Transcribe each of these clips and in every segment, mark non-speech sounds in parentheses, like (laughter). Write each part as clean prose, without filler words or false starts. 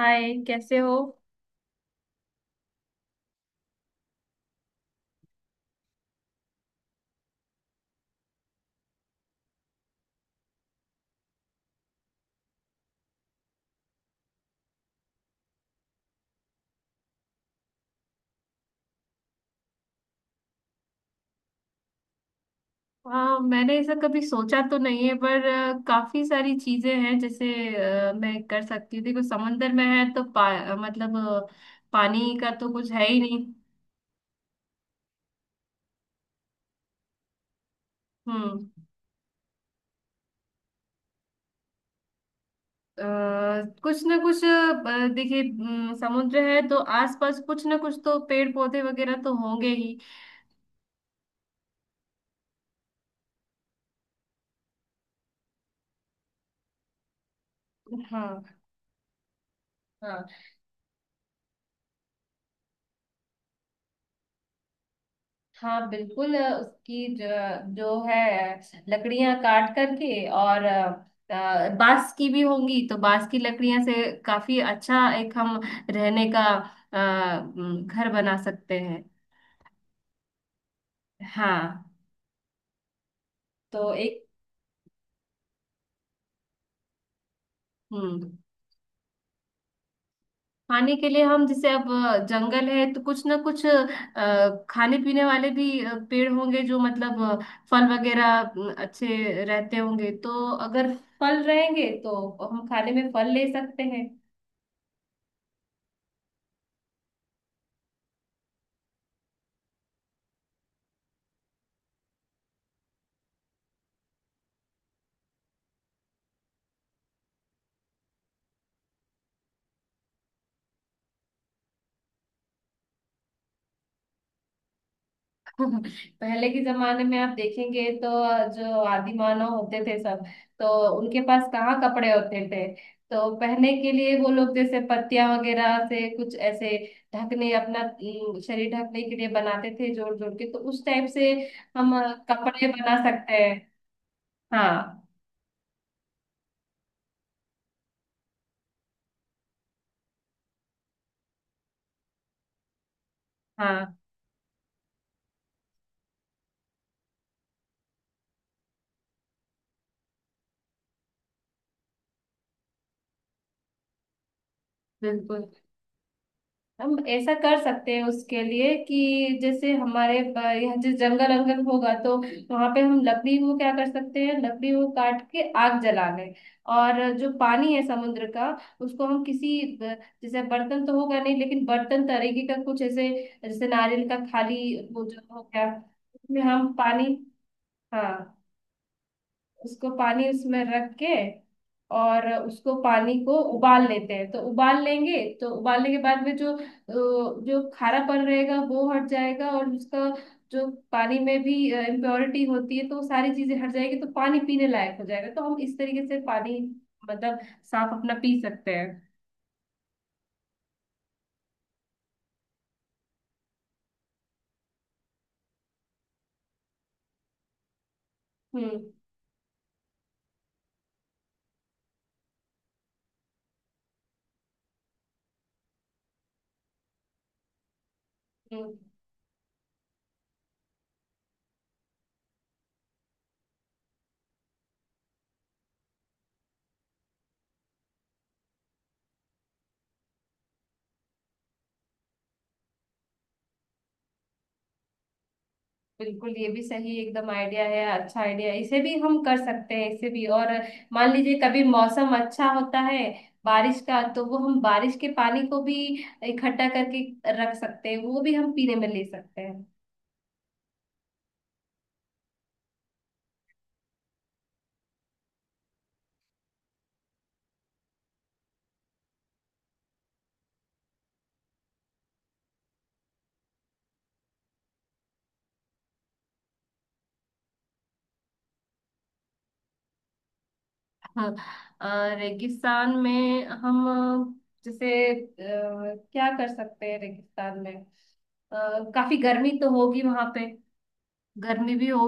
हाय, कैसे हो? हाँ, मैंने ऐसा कभी सोचा तो नहीं है, पर काफी सारी चीजें हैं। जैसे मैं कर सकती हूँ। देखो, समंदर में है तो पा, अ, मतलब अ, पानी का तो कुछ है ही नहीं। हम्म। अ, कुछ ना कुछ देखिए, समुद्र है तो आसपास कुछ ना कुछ तो पेड़ पौधे वगैरह तो होंगे ही। हाँ। हाँ। हाँ, बिल्कुल। उसकी जो है, लकड़ियां काट करके, और बांस की भी होंगी तो बांस की लकड़ियां से काफी अच्छा एक हम रहने का अ, घर बना सकते हैं। हाँ। तो एक... हम्म। खाने के लिए हम जैसे अब जंगल है तो कुछ ना कुछ खाने पीने वाले भी पेड़ होंगे जो मतलब फल वगैरह अच्छे रहते होंगे। तो अगर फल रहेंगे तो हम खाने में फल ले सकते हैं। (laughs) पहले के जमाने में आप देखेंगे तो जो आदि मानव होते थे सब, तो उनके पास कहाँ कपड़े होते थे। तो पहनने के लिए वो लोग जैसे पत्तियां वगैरह से कुछ ऐसे ढकने, अपना शरीर ढकने के लिए बनाते थे, जोड़ जोड़ के। तो उस टाइप से हम कपड़े बना सकते हैं। हाँ। हाँ, बिल्कुल। हम ऐसा कर सकते हैं उसके लिए कि, जैसे हमारे यहाँ जैसे जंगल अंगल होगा तो वहां पे हम लकड़ी को क्या कर सकते हैं, लकड़ी को काट के आग जला लें। और जो पानी है समुद्र का, उसको हम किसी जैसे बर्तन तो होगा नहीं, लेकिन बर्तन तरीके का कुछ ऐसे, जैसे नारियल का खाली वो जो हो गया, उसमें हम पानी... हाँ। उसको पानी उसमें रख के, और उसको पानी को उबाल लेते हैं। तो उबाल लेंगे, तो उबालने के बाद में जो जो खारापन रहेगा वो हट जाएगा, और उसका जो पानी में भी इम्प्योरिटी होती है, तो वो सारी चीजें हट जाएगी, तो पानी पीने लायक हो जाएगा। तो हम इस तरीके से पानी, मतलब साफ अपना पी सकते हैं। हम्म। हम्म। बिल्कुल, ये भी सही एकदम आइडिया है, अच्छा आइडिया। इसे भी हम कर सकते हैं, इसे भी। और मान लीजिए कभी मौसम अच्छा होता है बारिश का, तो वो हम बारिश के पानी को भी इकट्ठा करके रख सकते हैं, वो भी हम पीने में ले सकते हैं। हाँ। रेगिस्तान में हम जैसे क्या कर सकते हैं रेगिस्तान में? अ, काफी गर्मी तो होगी वहां पे। गर्मी भी हो...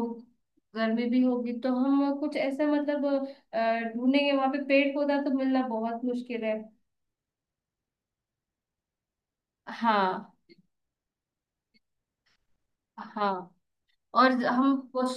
गर्मी भी होगी तो हम कुछ ऐसा, मतलब ढूंढेंगे। वहां पे पेड़ पौधा तो मिलना बहुत मुश्किल है। हाँ। हाँ। और हम कोश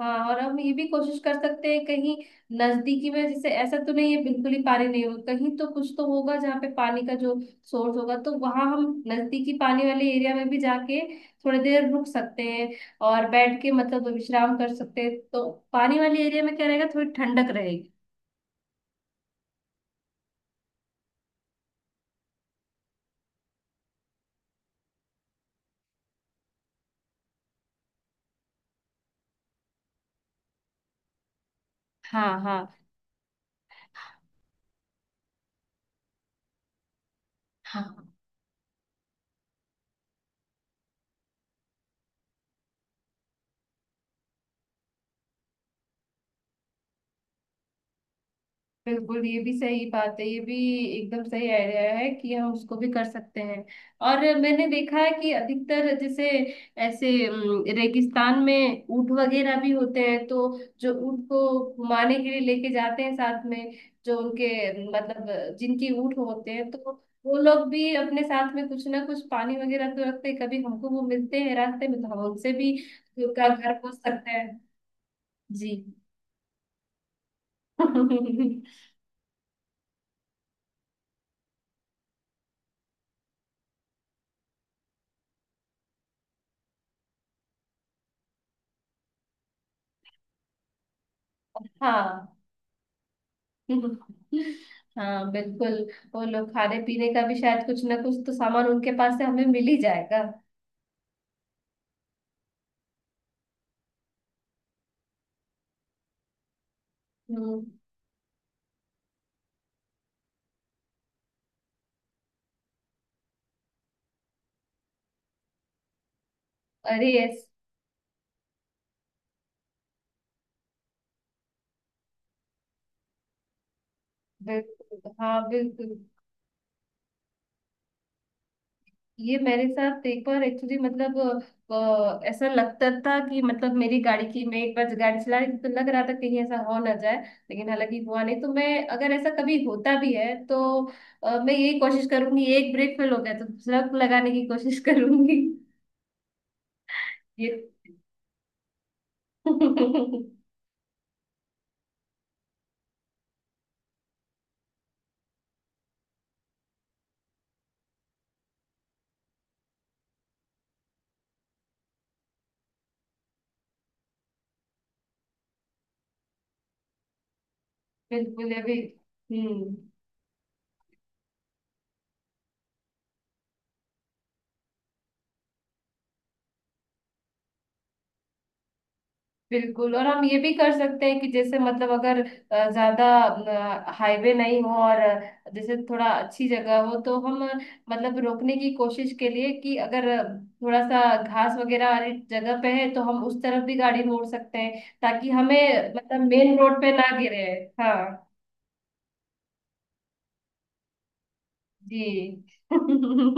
हाँ, और हम ये भी कोशिश कर सकते हैं, कहीं नजदीकी में, जैसे ऐसा तो नहीं है बिल्कुल ही पानी नहीं होगा, कहीं तो कुछ तो होगा जहाँ पे पानी का जो सोर्स होगा। तो वहां हम नजदीकी पानी वाले एरिया में भी जाके थोड़ी देर रुक सकते हैं, और बैठ के मतलब विश्राम कर सकते हैं। तो पानी वाले एरिया में क्या रहेगा, थोड़ी ठंडक रहेगी। हाँ। हाँ। हाँ, बिल्कुल, ये भी सही बात है, ये भी एकदम सही आइडिया है कि हम उसको भी कर सकते हैं। और मैंने देखा है कि अधिकतर जैसे ऐसे रेगिस्तान में ऊँट वगैरह भी होते हैं। तो जो ऊँट को घुमाने के लिए लेके जाते हैं साथ में, जो उनके, मतलब जिनकी ऊँट होते हैं, तो वो लोग भी अपने साथ में कुछ ना कुछ पानी वगैरह तो रखते हैं। कभी हमको वो मिलते हैं रास्ते में तो हम उनसे भी घर घर पूछ सकते हैं। जी। (laughs) हाँ। (laughs) हाँ, बिल्कुल। वो लोग खाने पीने का भी शायद कुछ ना कुछ तो सामान उनके पास से हमें मिल ही जाएगा। हम्म। अरे, यस। बिल्कुल, हाँ, बिल्कुल। ये मेरे साथ एक बार एक्चुअली, मतलब ऐसा लगता था कि, मतलब मेरी गाड़ी की, मैं एक बार गाड़ी चला रही थी तो लग रहा था कहीं ऐसा हो ना जाए। लेकिन हालांकि हुआ नहीं। तो मैं, अगर ऐसा कभी होता भी है तो मैं यही कोशिश करूंगी, एक ब्रेक फेल हो गया तो दूसरा लगाने की कोशिश करूंगी। ये (laughs) बिल्कुल, ये भी। हम्म। बिल्कुल, और हम ये भी कर सकते हैं कि जैसे, मतलब अगर ज्यादा हाईवे नहीं हो, और जैसे थोड़ा अच्छी जगह हो तो हम मतलब रोकने की कोशिश के लिए, कि अगर थोड़ा सा घास वगैरह वाली जगह पे है तो हम उस तरफ भी गाड़ी मोड़ सकते हैं, ताकि हमें, मतलब मेन रोड पे ना गिरे। हाँ। जी। (laughs)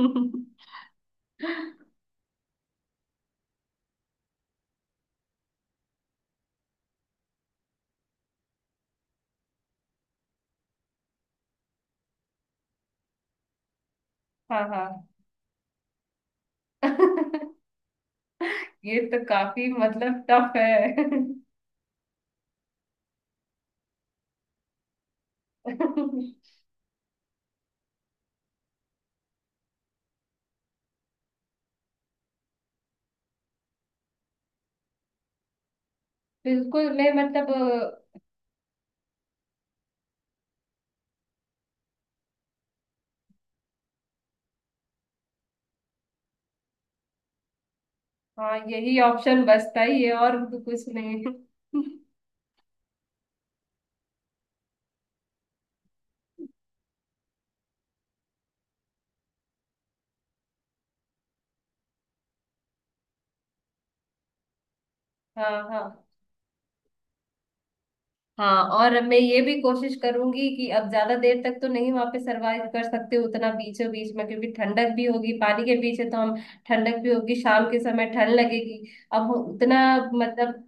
हाँ। हाँ। (laughs) ये तो काफी मतलब टफ है। (laughs) बिल्कुल, मैं मतलब हाँ, यही ऑप्शन बचता ही है, और तो कुछ नहीं है। हाँ। हाँ। हाँ, और मैं ये भी कोशिश करूंगी कि अब ज्यादा देर तक तो नहीं वहां पे सरवाइव कर सकते, उतना बीचों बीच में, क्योंकि ठंडक भी होगी, पानी के पीछे तो हम... ठंडक भी होगी, शाम के समय ठंड लगेगी। अब उतना मतलब,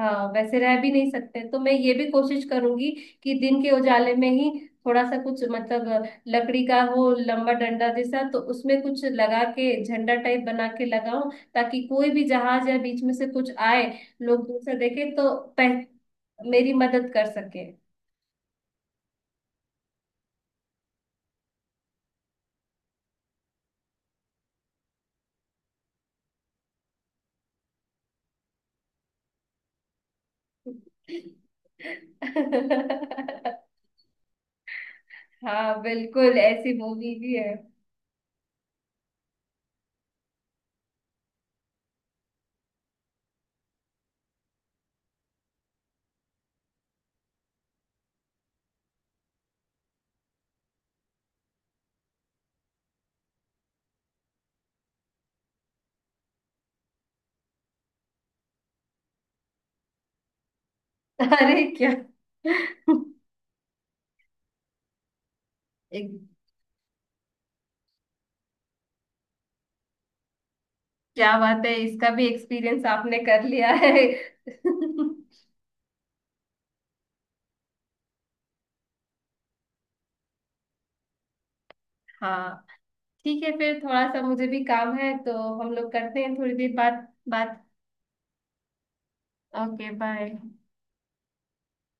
हाँ वैसे रह भी नहीं सकते। तो मैं ये भी कोशिश करूंगी कि दिन के उजाले में ही थोड़ा सा कुछ, मतलब लकड़ी का वो लंबा डंडा जैसा, तो उसमें कुछ लगा के झंडा टाइप बना के लगाऊं, ताकि कोई भी जहाज या बीच में से कुछ आए, लोग दूर से देखे तो मेरी मदद कर सके। (laughs) हाँ, बिल्कुल, ऐसी मूवी भी है। अरे, क्या! (laughs) एक... क्या बात है, इसका भी एक्सपीरियंस आपने कर लिया है! (laughs) हाँ। ठीक है, फिर थोड़ा सा मुझे भी काम है, तो हम लोग करते हैं थोड़ी देर बाद बात। Okay, bye.